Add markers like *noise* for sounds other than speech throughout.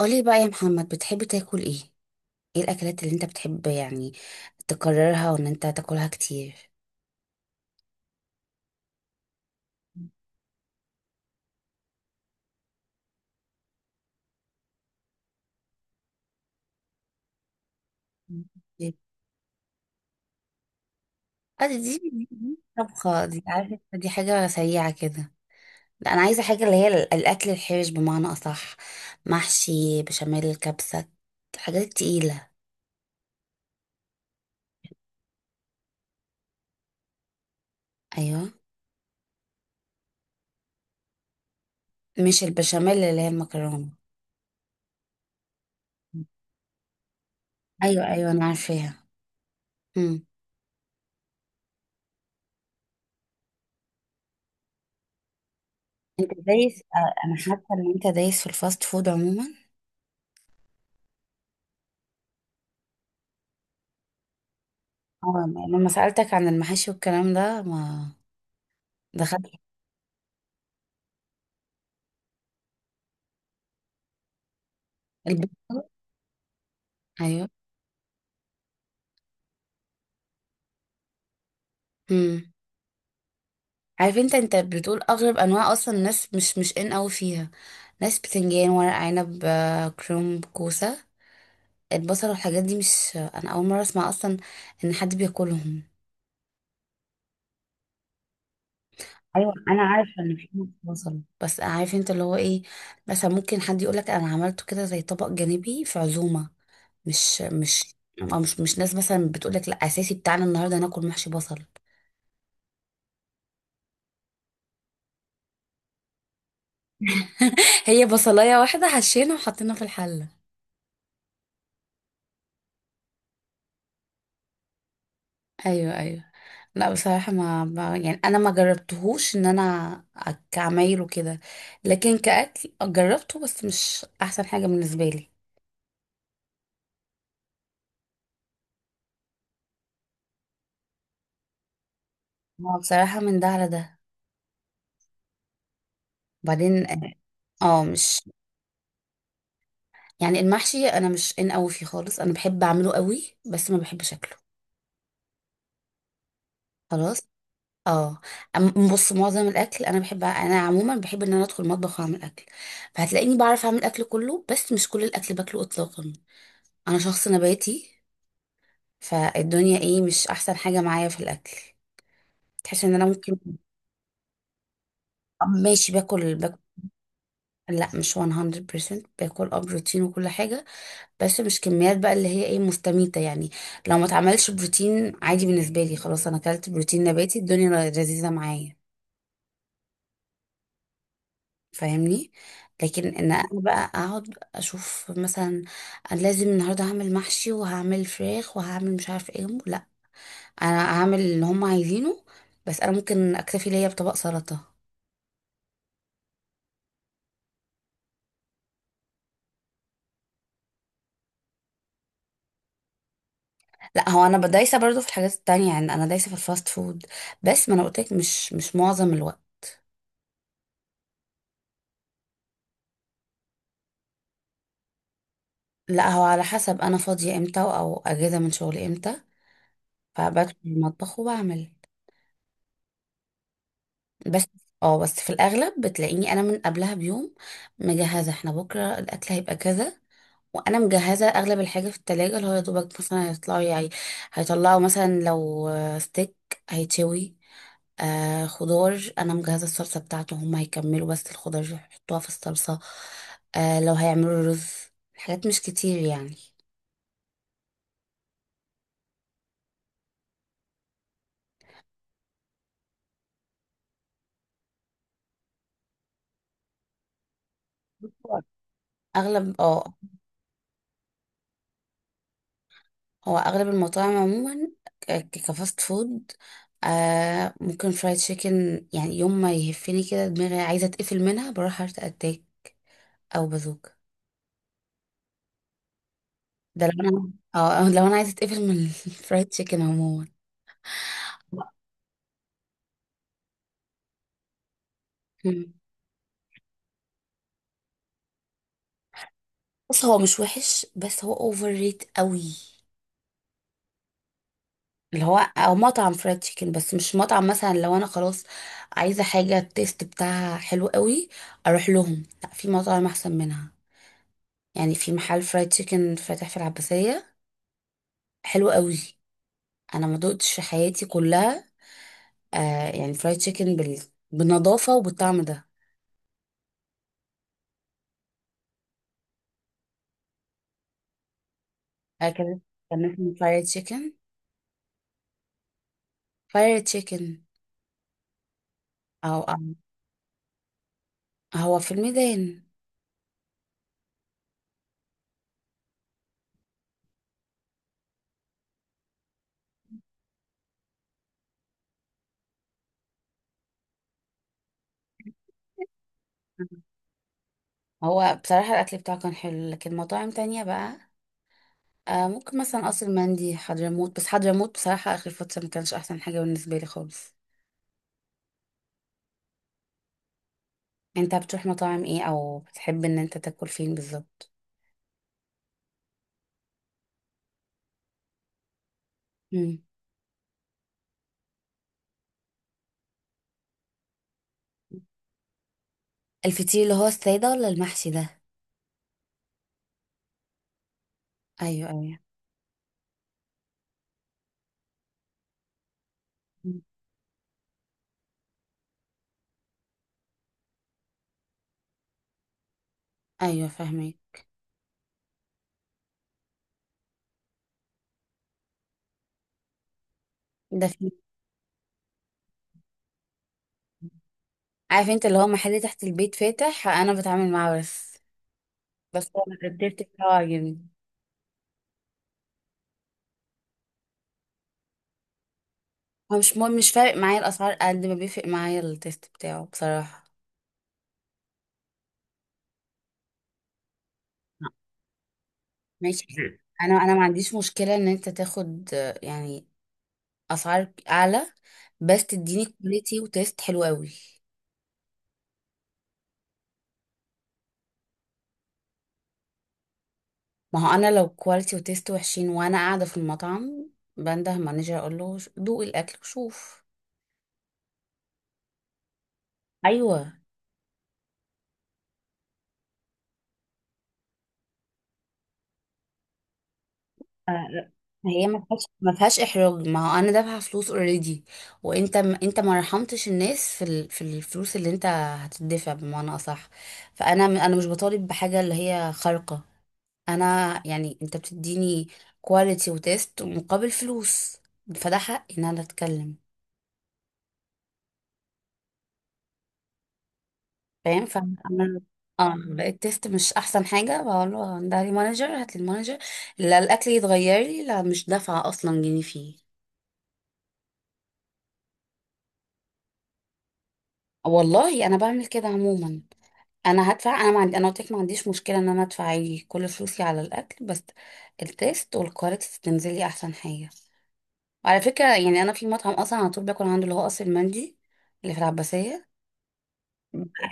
قولي بقى يا محمد، بتحب تاكل ايه؟ ايه الاكلات اللي انت بتحب يعني تكررها وان انت تاكلها كتير؟ اه دي طبخة، دي عارفة دي حاجة سريعة كده. لا انا عايزة حاجة اللي هي الاكل الحرش بمعنى اصح، محشي بشاميل كبسة، الحاجات التقيلة. ايوه، مش البشاميل اللي هي المكرونة؟ ايوه ايوه انا عارفاها. امم. انت دايس انا حاسة ان انت دايس في الفاست فود عموما. اه لما سألتك عن المحاشي والكلام ده ما دخلت البيضة. ايوه. امم. عارف انت، انت بتقول اغرب انواع، اصلا الناس مش ان اوي فيها. ناس بتنجان، ورق عنب كرنب، كوسه، البصل والحاجات دي مش، انا اول مره اسمع اصلا ان حد بياكلهم. ايوه انا عارفه ان في ناس بصل، بس عارف انت اللي هو ايه؟ مثلا ممكن حد يقولك انا عملته كده زي طبق جانبي في عزومه، مش، أو مش ناس مثلا بتقولك لا، اساسي بتاعنا النهارده ناكل محشي بصل. *laughs* هي بصلايه واحده حشينا وحطينا في الحله. ايوه ايوه. لا بصراحه، يعني انا ما جربتهوش ان انا كعمايل وكده، لكن كاكل جربته بس مش احسن حاجه بالنسبه لي. هو بصراحه من ده على ده، وبعدين اه، آه، مش يعني المحشي انا مش ان قوي فيه خالص، انا بحب اعمله قوي بس ما بحبش اكله، خلاص. اه. بص، معظم الاكل انا بحب، انا عموما بحب ان انا ادخل المطبخ واعمل اكل، فهتلاقيني بعرف اعمل اكل كله بس مش كل الاكل باكله اطلاقا. انا شخص نباتي، فالدنيا ايه مش احسن حاجة معايا في الاكل. تحس ان انا ممكن آه، ماشي باكل باكل. لا مش 100% باكل اه بروتين وكل حاجة، بس مش كميات بقى اللي هي ايه، مستميتة يعني. لو ما اتعملش بروتين عادي بالنسبة لي، خلاص انا اكلت بروتين نباتي، الدنيا لذيذة معايا. فاهمني. لكن ان انا بقى اقعد اشوف مثلا، انا لازم النهارده هعمل محشي وهعمل فراخ وهعمل مش عارف ايه، لا. انا هعمل اللي هم عايزينه بس انا ممكن اكتفي ليا بطبق سلطة. لا هو انا دايسه برضو في الحاجات التانية، يعني انا دايسه في الفاست فود بس ما انا قلت لك، مش معظم الوقت. لا هو على حسب انا فاضيه امتى او اجازه من شغلي امتى، فبدخل المطبخ وبعمل. بس. اه، بس في الاغلب بتلاقيني انا من قبلها بيوم مجهزه، احنا بكره الاكل هيبقى كذا، وانا مجهزه اغلب الحاجه في التلاجة، اللي هو يا دوبك مثلا هيطلعوا يعني، هيطلعوا مثلا لو ستيك هيتشوي، آه خضار انا مجهزه الصلصه بتاعته، هم هيكملوا بس الخضار يحطوها في الصلصه، آه لو هيعملوا رز، حاجات مش كتير يعني. اغلب اه، هو اغلب المطاعم عموما كفاست فود، آه ممكن فرايد تشيكن. يعني يوم ما يهفني كده دماغي عايزه اتقفل منها بروح هارت اتاك او بازوكا. ده لو انا اه *laughs* أو لو انا عايزه اتقفل من *laughs* الفرايد تشيكن عموما. مم. بص هو مش وحش بس هو اوفر ريت قوي، اللي هو او مطعم فرايد تشيكن بس مش مطعم. مثلا لو انا خلاص عايزه حاجه التيست بتاعها حلو قوي اروح لهم، لا في مطاعم احسن منها. يعني في محل فرايد تشيكن فاتح في العباسيه حلو قوي، انا ما دقتش في حياتي كلها آه، يعني فرايد تشيكن بالنظافه وبالطعم ده. هكذا، كان اسمه فرايد تشيكن. فرايد تشيكن، او أو- هو في الميدان. *laughs* هو بصراحه الاكل بتاعه كان حلو لكن مطاعم تانية بقى. آه ممكن مثلا قصر مندي حضرموت، بس حضرموت بصراحة آخر فترة ما كانش أحسن حاجة بالنسبة لي خالص. انت بتروح مطاعم ايه، او بتحب ان انت تاكل فين بالظبط؟ مم. الفطير اللي هو السادة ولا المحشي ده؟ ايوه ايوه. مم. ايوه فاهمه. ده في؟ عارف انت اللي هو محل تحت البيت فاتح انا بتعامل معاه بس. بس هو أنا التيست بتاعه عاجبني. هو مش مهم، مش فارق معايا الاسعار قد ما بيفرق معايا التيست بتاعه بصراحة. ماشي. مم. انا ما عنديش مشكلة ان انت تاخد آه، يعني اسعار اعلى بس تديني كواليتي وتيست حلو قوي. ما هو انا لو كواليتي وتيست وحشين وانا قاعده في المطعم بنده مانجر اقول له، دوق الاكل وشوف". ايوه. آه، هي ما فيهاش احراج، ما هو انا دافعه فلوس اوريدي، وانت انت ما رحمتش الناس في الفلوس اللي انت هتدفع بمعنى اصح، فانا انا مش بطالب بحاجه اللي هي خارقه، انا يعني انت بتديني كواليتي وتيست مقابل فلوس، فده حقي ان انا اتكلم. فاهم؟ فانا اه لقيت تيست مش احسن حاجه بقول له، ده لي مانجر، هات لي المانجر، لا الاكل يتغير لي لا مش دافعه اصلا جنيه فيه. والله انا بعمل كده عموما، انا هدفع، انا ما عندي، انا قلت لك ما عنديش مشكله ان انا ادفع عادي كل فلوسي على الاكل، بس التيست والكواليتي تنزل لي احسن حاجه. وعلى فكره يعني انا في مطعم اصلا على طول باكل عنده اللي هو قصر المندي اللي في العباسيه.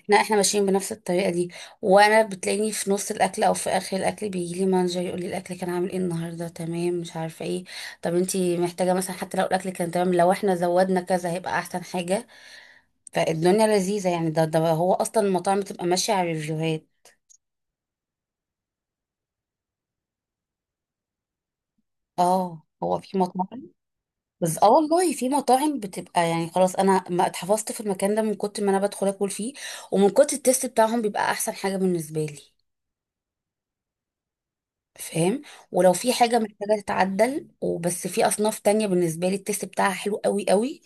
لا احنا ماشيين بنفس الطريقه دي، وانا بتلاقيني في نص الاكل او في اخر الاكل بيجي لي مانجر يقول لي، الاكل كان عامل ايه النهارده، تمام، مش عارفه ايه، طب انتي محتاجه مثلا حتى لو الاكل كان تمام لو احنا زودنا كذا هيبقى احسن حاجه. فالدنيا لذيذه يعني، ده هو اصلا المطاعم بتبقى ماشيه على الريفيوهات. اه هو في مطاعم. بس اه والله في مطاعم بتبقى يعني خلاص انا ما اتحفظت في المكان ده من كتر ما انا بدخل اكل فيه، ومن كتر التست بتاعهم بيبقى احسن حاجه بالنسبه لي. فاهم؟ ولو في حاجة محتاجة تتعدل، وبس في أصناف تانية بالنسبة لي التست بتاعها حلو قوي قوي.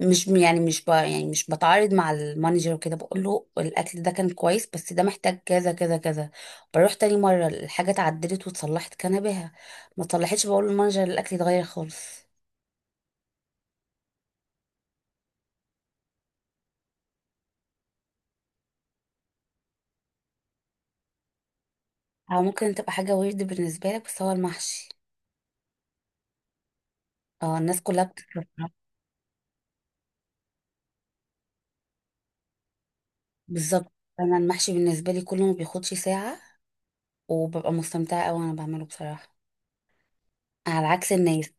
مش يعني مش ب... يعني مش بتعارض مع المانجر وكده، بقول له الأكل ده كان كويس بس ده محتاج كذا كذا كذا. بروح تاني مرة الحاجة اتعدلت واتصلحت كان بها، ما اتصلحتش بقول للمانجر الأكل اتغير خالص. أو ممكن تبقى حاجة ويرد بالنسبة لك، بس هو المحشي. اه الناس كلها بتكره. بالظبط. أنا المحشي بالنسبة لي كله ما بياخدش ساعة، وببقى مستمتعة أوي وأنا بعمله بصراحة، على عكس الناس.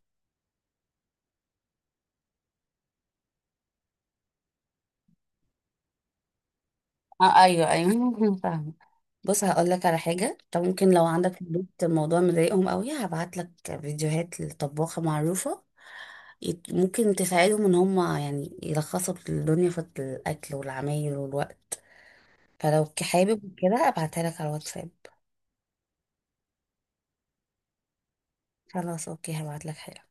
اه ايوه ايوه *laughs* فاهمه. بص هقول لك على حاجه، طب ممكن لو عندك في البيت الموضوع مضايقهم قوي هبعت لك فيديوهات لطباخه معروفه، ممكن تساعدهم ان هم يعني يلخصوا الدنيا في الاكل والعمايل والوقت. فلو حابب كده ابعتها لك على الواتساب. خلاص اوكي هبعت لك حاجه.